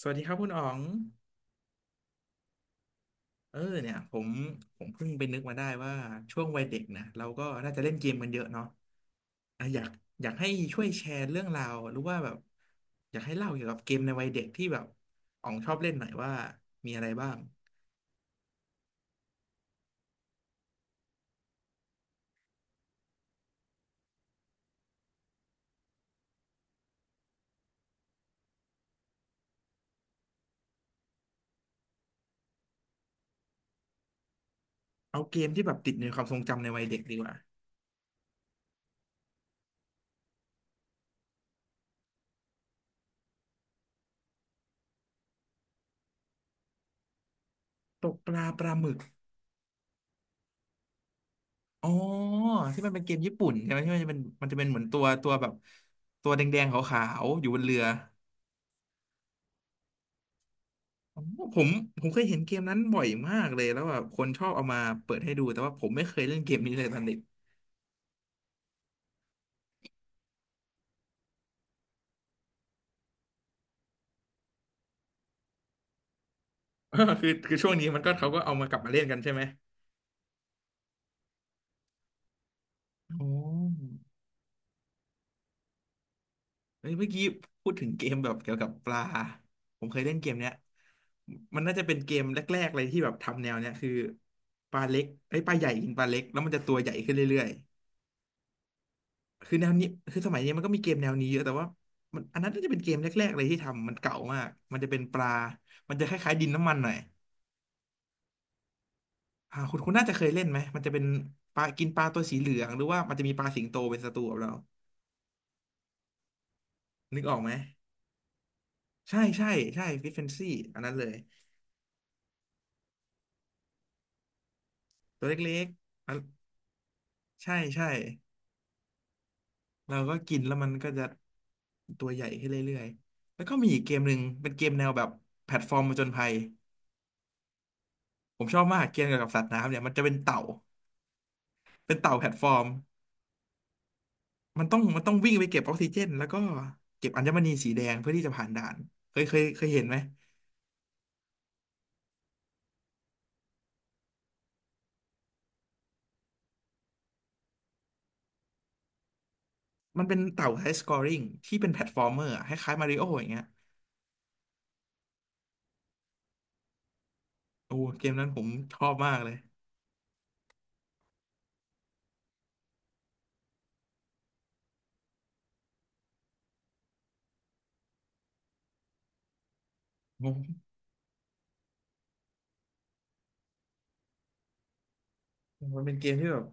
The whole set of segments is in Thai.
สวัสดีครับคุณอ๋องเออเนี่ยผมเพิ่งไปนึกมาได้ว่าช่วงวัยเด็กนะเราก็น่าจะเล่นเกมกันเยอะเนาะอ่ะอยากให้ช่วยแชร์เรื่องราวหรือว่าแบบอยากให้เล่าเกี่ยวกับเกมในวัยเด็กที่แบบอ๋องชอบเล่นหน่อยว่ามีอะไรบ้างเอาเกมที่แบบติดอยู่ในความทรงจำในวัยเด็กดีกว่าตกปลาปลาหมึกอ๋อที่มันเป็นเกมญี่ปุ่นใช่ไหมที่มันจะเป็นมันจะเป็นเหมือนตัวแบบตัวแดงๆขาวๆอยู่บนเรือ อ๋อผมผมเคยเห็นเกมนั้นบ่อยมากเลยแล้วแบบคนชอบเอามาเปิดให้ดูแต่ว่าผมไม่เคยเล่นเกมนี้เลยตอนเด็ก คือช่วงนี้มันก็เขาก็เอามากลับมาเล่นกันใช่ไหมอ๋อเฮ้ยเมื่อกี้พูดถึงเกมแบบเกี่ยวกับปลาผมเคยเล่นเกมเนี้ยมันน่าจะเป็นเกมแรกๆเลยที่แบบทำแนวเนี้ยคือปลาเล็กไอ้ยปลาใหญ่กินปลาเล็กแล้วมันจะตัวใหญ่ขึ้นเรื่อยๆคือแนวนี้คือสมัยนี้มันก็มีเกมแนวนี้เยอะแต่ว่ามันอันนั้นน่าจะเป็นเกมแรกๆเลยที่ทำมันเก่ามากมันจะเป็นปลามันจะคล้ายๆดินน้ำมันหน่อย อ่าคุณน่าจะเคยเล่นไหมมันจะเป็นปลากินปลาตัวสีเหลืองหรือว่ามันจะมีปลาสิงโตเป็นศัตรูกับเรานึกออกไหมใช่ใช่ใช่ฟิชเฟนซี่อันนั้นเลยตัวเล็กๆอันใช่ใช่เราก็กินแล้วมันก็จะตัวใหญ่ขึ้นเรื่อยๆแล้วก็มีอีกเกมหนึ่งเป็นเกมแนวแบบแพลตฟอร์มผจญภัยผมชอบมากเกมเกี่ยวกับสัตว์น้ำเนี่ยมันจะเป็นเต่าเป็นเต่าแพลตฟอร์มมันต้องวิ่งไปเก็บออกซิเจนแล้วก็เก็บอัญมณีสีแดงเพื่อที่จะผ่านด่านเคยเห็นไหม มันเป็นเต่าไฮสกอริงที่เป็นแพลตฟอร์มเมอร์อะคล้ายๆมาริโออย่างเงี้ยโอ้เกมนั้นผมชอบมากเลยผมมันเป็นเกมที่แบบ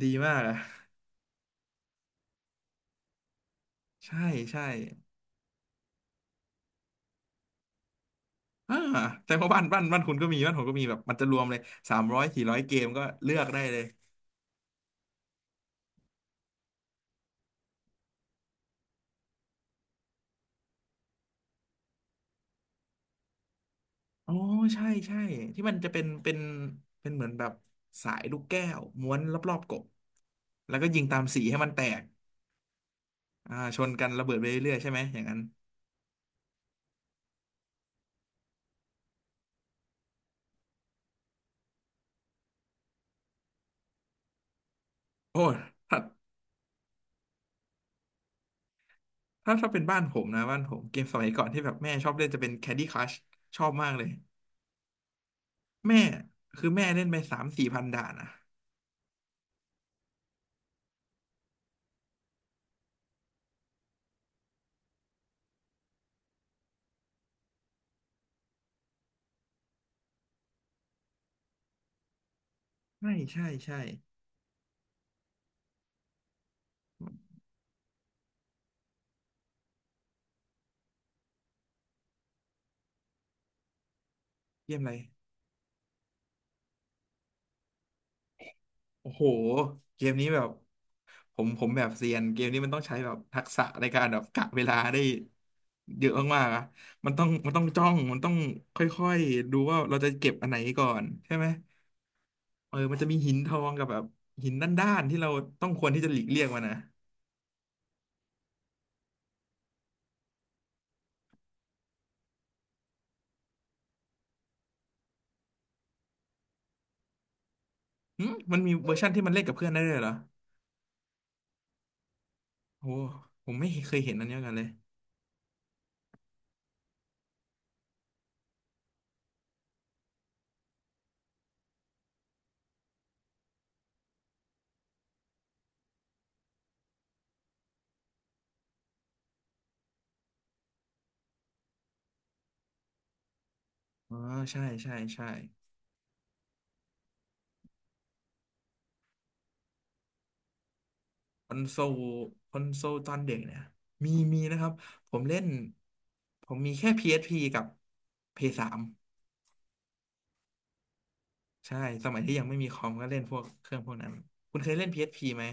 ดีมากอะใช่ใช่อ่าแต่ว่าบ้านคุณก็มีบ้านผมก็มีแบบมันจะรวมเลยสามร้อยสี่ร้อยเกมก็เลือกได้เลยอ๋อใช่ใช่ที่มันจะเป็นเหมือนแบบสายลูกแก้วม้วนรอบๆกบแล้วก็ยิงตามสีให้มันแตกอ่าชนกันระเบิดไปเรื่อยๆใช่ไหมอย่างนั้นโอ้ ถ้าเป็นบ้านผมนะบ้านผมเกมสมัยก่อนที่แบบแม่ชอบเล่นจะเป็น Candy Crush ชอบมากเลยแม่คือแม่เล่นไปสามสี่พันด่านอ่ะใช่ใช่ใช่เกมอะไรโอ้โหเกมนี้แบบผมแบบเซียนเกมนี้มันต้องใช้แบบทักษะในการแบบกะเวลาได้เยอะมากๆอ่ะมันต้องจ้องมันต้องค่อยๆดูว่าเราจะเก็บอันไหนก่อนใช่ไหมเออมันจะมีหินทองกับแบบหินด้านๆที่เราต้องควรที่จะหลีกเลี่ยงมันนะหึมันมีเวอร์ชันที่มันเล่นกับเพื่อนได้เลยเหรอ โอ้ผมไม่เคยเห็นอันเดียวกันเลยอ๋อใช่ใช่ใช่คอนโซลคอนโซลตอนเด็กเนี่ย มีมีนะครับ ผมเล่น ผมมีแค่ PSP กับ p 3ใช่ สมัยที่ยังไม่มีคอมก็เล่นพวกเครื่องพวกนั้น คุณเคยเล่น PSP ไหม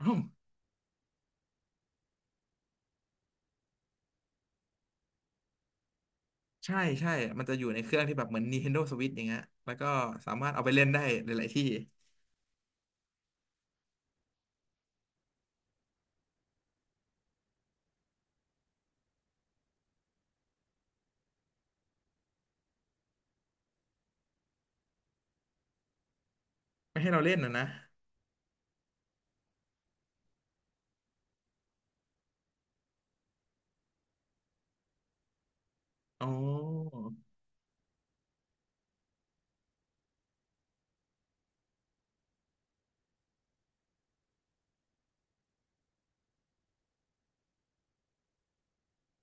อ้าวใช่ใช่มันจะอยู่ในเครื่องที่แบบเหมือน Nintendo Switch อย่างเงี้ยแล้วก็สามารถเอาไปเล่นได้หลายๆที่ไม่ให้เราเล่นนะอ๋อ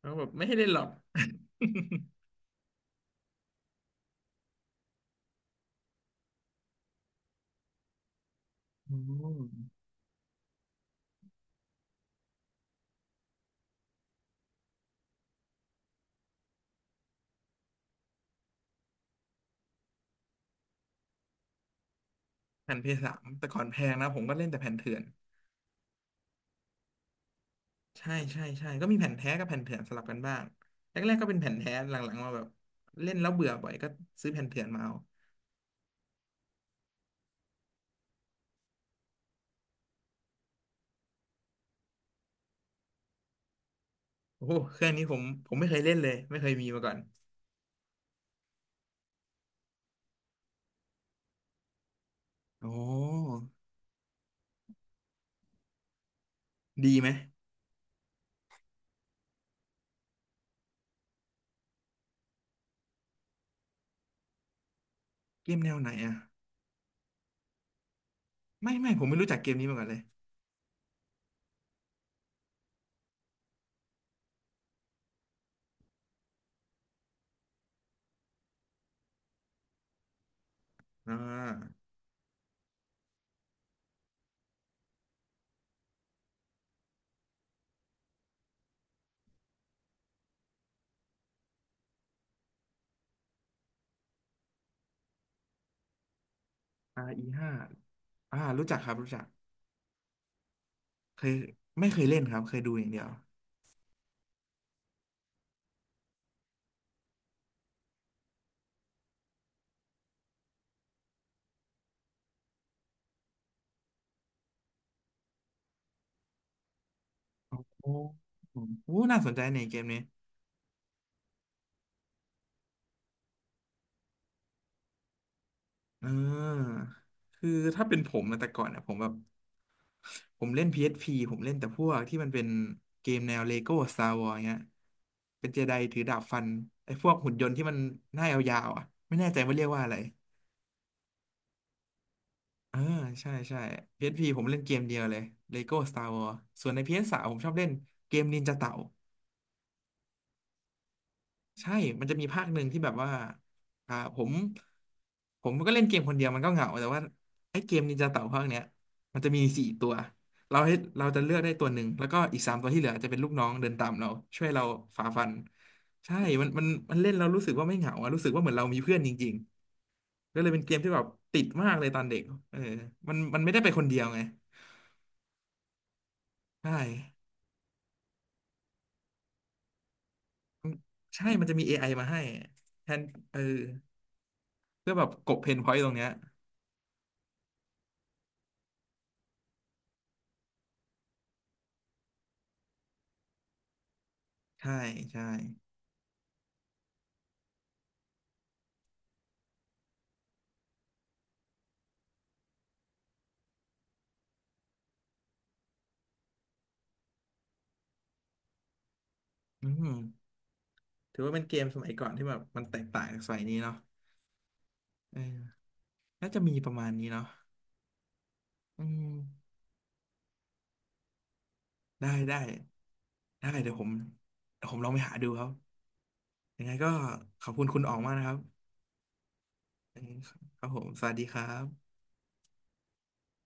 แล้วแบบไม่ให้เล่นหรอก อ๋อ แผ่นเพย์สสามแต่ก่อนแพงนะผมก็เล่นแต่แผ่นเถื่อนใช่ใช่ใช่ก็มีแผ่นแท้กับแผ่นเถื่อนสลับกันบ้างแรกๆก็เป็นแผ่นแท้หลังๆมาแบบเล่นแล้วเบื่อบ่อยก็ซื้อแผ่นเถื่อนมาเอาโอ้โหเครื่องนี้ผมไม่เคยเล่นเลยไม่เคยมีมาก่อนโอ้ดีไหมเกมแนวไหนอ่ะไม่ไม่ผมไม่รู้จักเกมนี้มาก่อนเลยอ่า r ีห้าอ่ารู้จักครับรู้จักเคยไม่เคยเล่นครับเคยดูอย่างเดียวโอ้โหโอ้น่าสนใจในเกมนี้เออคือถ้าเป็นผมนะแต่ก่อนเนี่ยผมแบบ ผมเล่น PSP ผมเล่นแต่พวกที่มันเป็นเกมแนวเลโก้ Star Wars เงี้ยเป็นเจไดถือดาบฟันไอ้พวกหุ่นยนต์ที่มันหน้ายาวๆอ่ะไม่แน่ใจว่าเรียกว่าอะไรเออใช่ใช่ PSP ผมเล่นเกมเดียวเลย Lego Star Wars ส่วนใน PS3 ผมชอบเล่นเกมนินจาเต่า ใช่มันจะมีภาคหนึ่งที่แบบว่าอ่าผมก็เล่นเกมคนเดียวมันก็เหงา แต่ว่าไอ้เกมนินจาเต่าภาคเนี้ยมันจะมีสี่ตัว เราให้เราจะเลือกได้ตัวหนึ่งแล้วก็อีกสามตัวที่เหลือจะเป็นลูกน้องเดินตามเราช่วยเราฝ่าฟันใช่มันเล่นเรารู้สึกว่าไม่เหงาอะรู้สึกว่าเหมือนเรามีเพื่อนจริงๆก็เลยเป็นเกมที่แบบติดมากเลยตอนเด็กเออมันมันไม่ได้ไปคนเดียวไงใช่ใช่มันจะมี AI มาให้แทนเออเพื่อแบบกลบเพนพอยต์ตรงเนี้ยใช่ใช่ อืมถือว่าเป็นเกมสมัยก่อนที่แบบมันแตกต่างจากสมัยนี้เนาะเออน่าจะมีประมาณนี้เนาะอืมได้ได้ได้เดี๋ยวผมลองไปหาดูครับ ยังไงก็ขอบคุณคุณออกมากนะครับเออครับผมสวัสดีครับ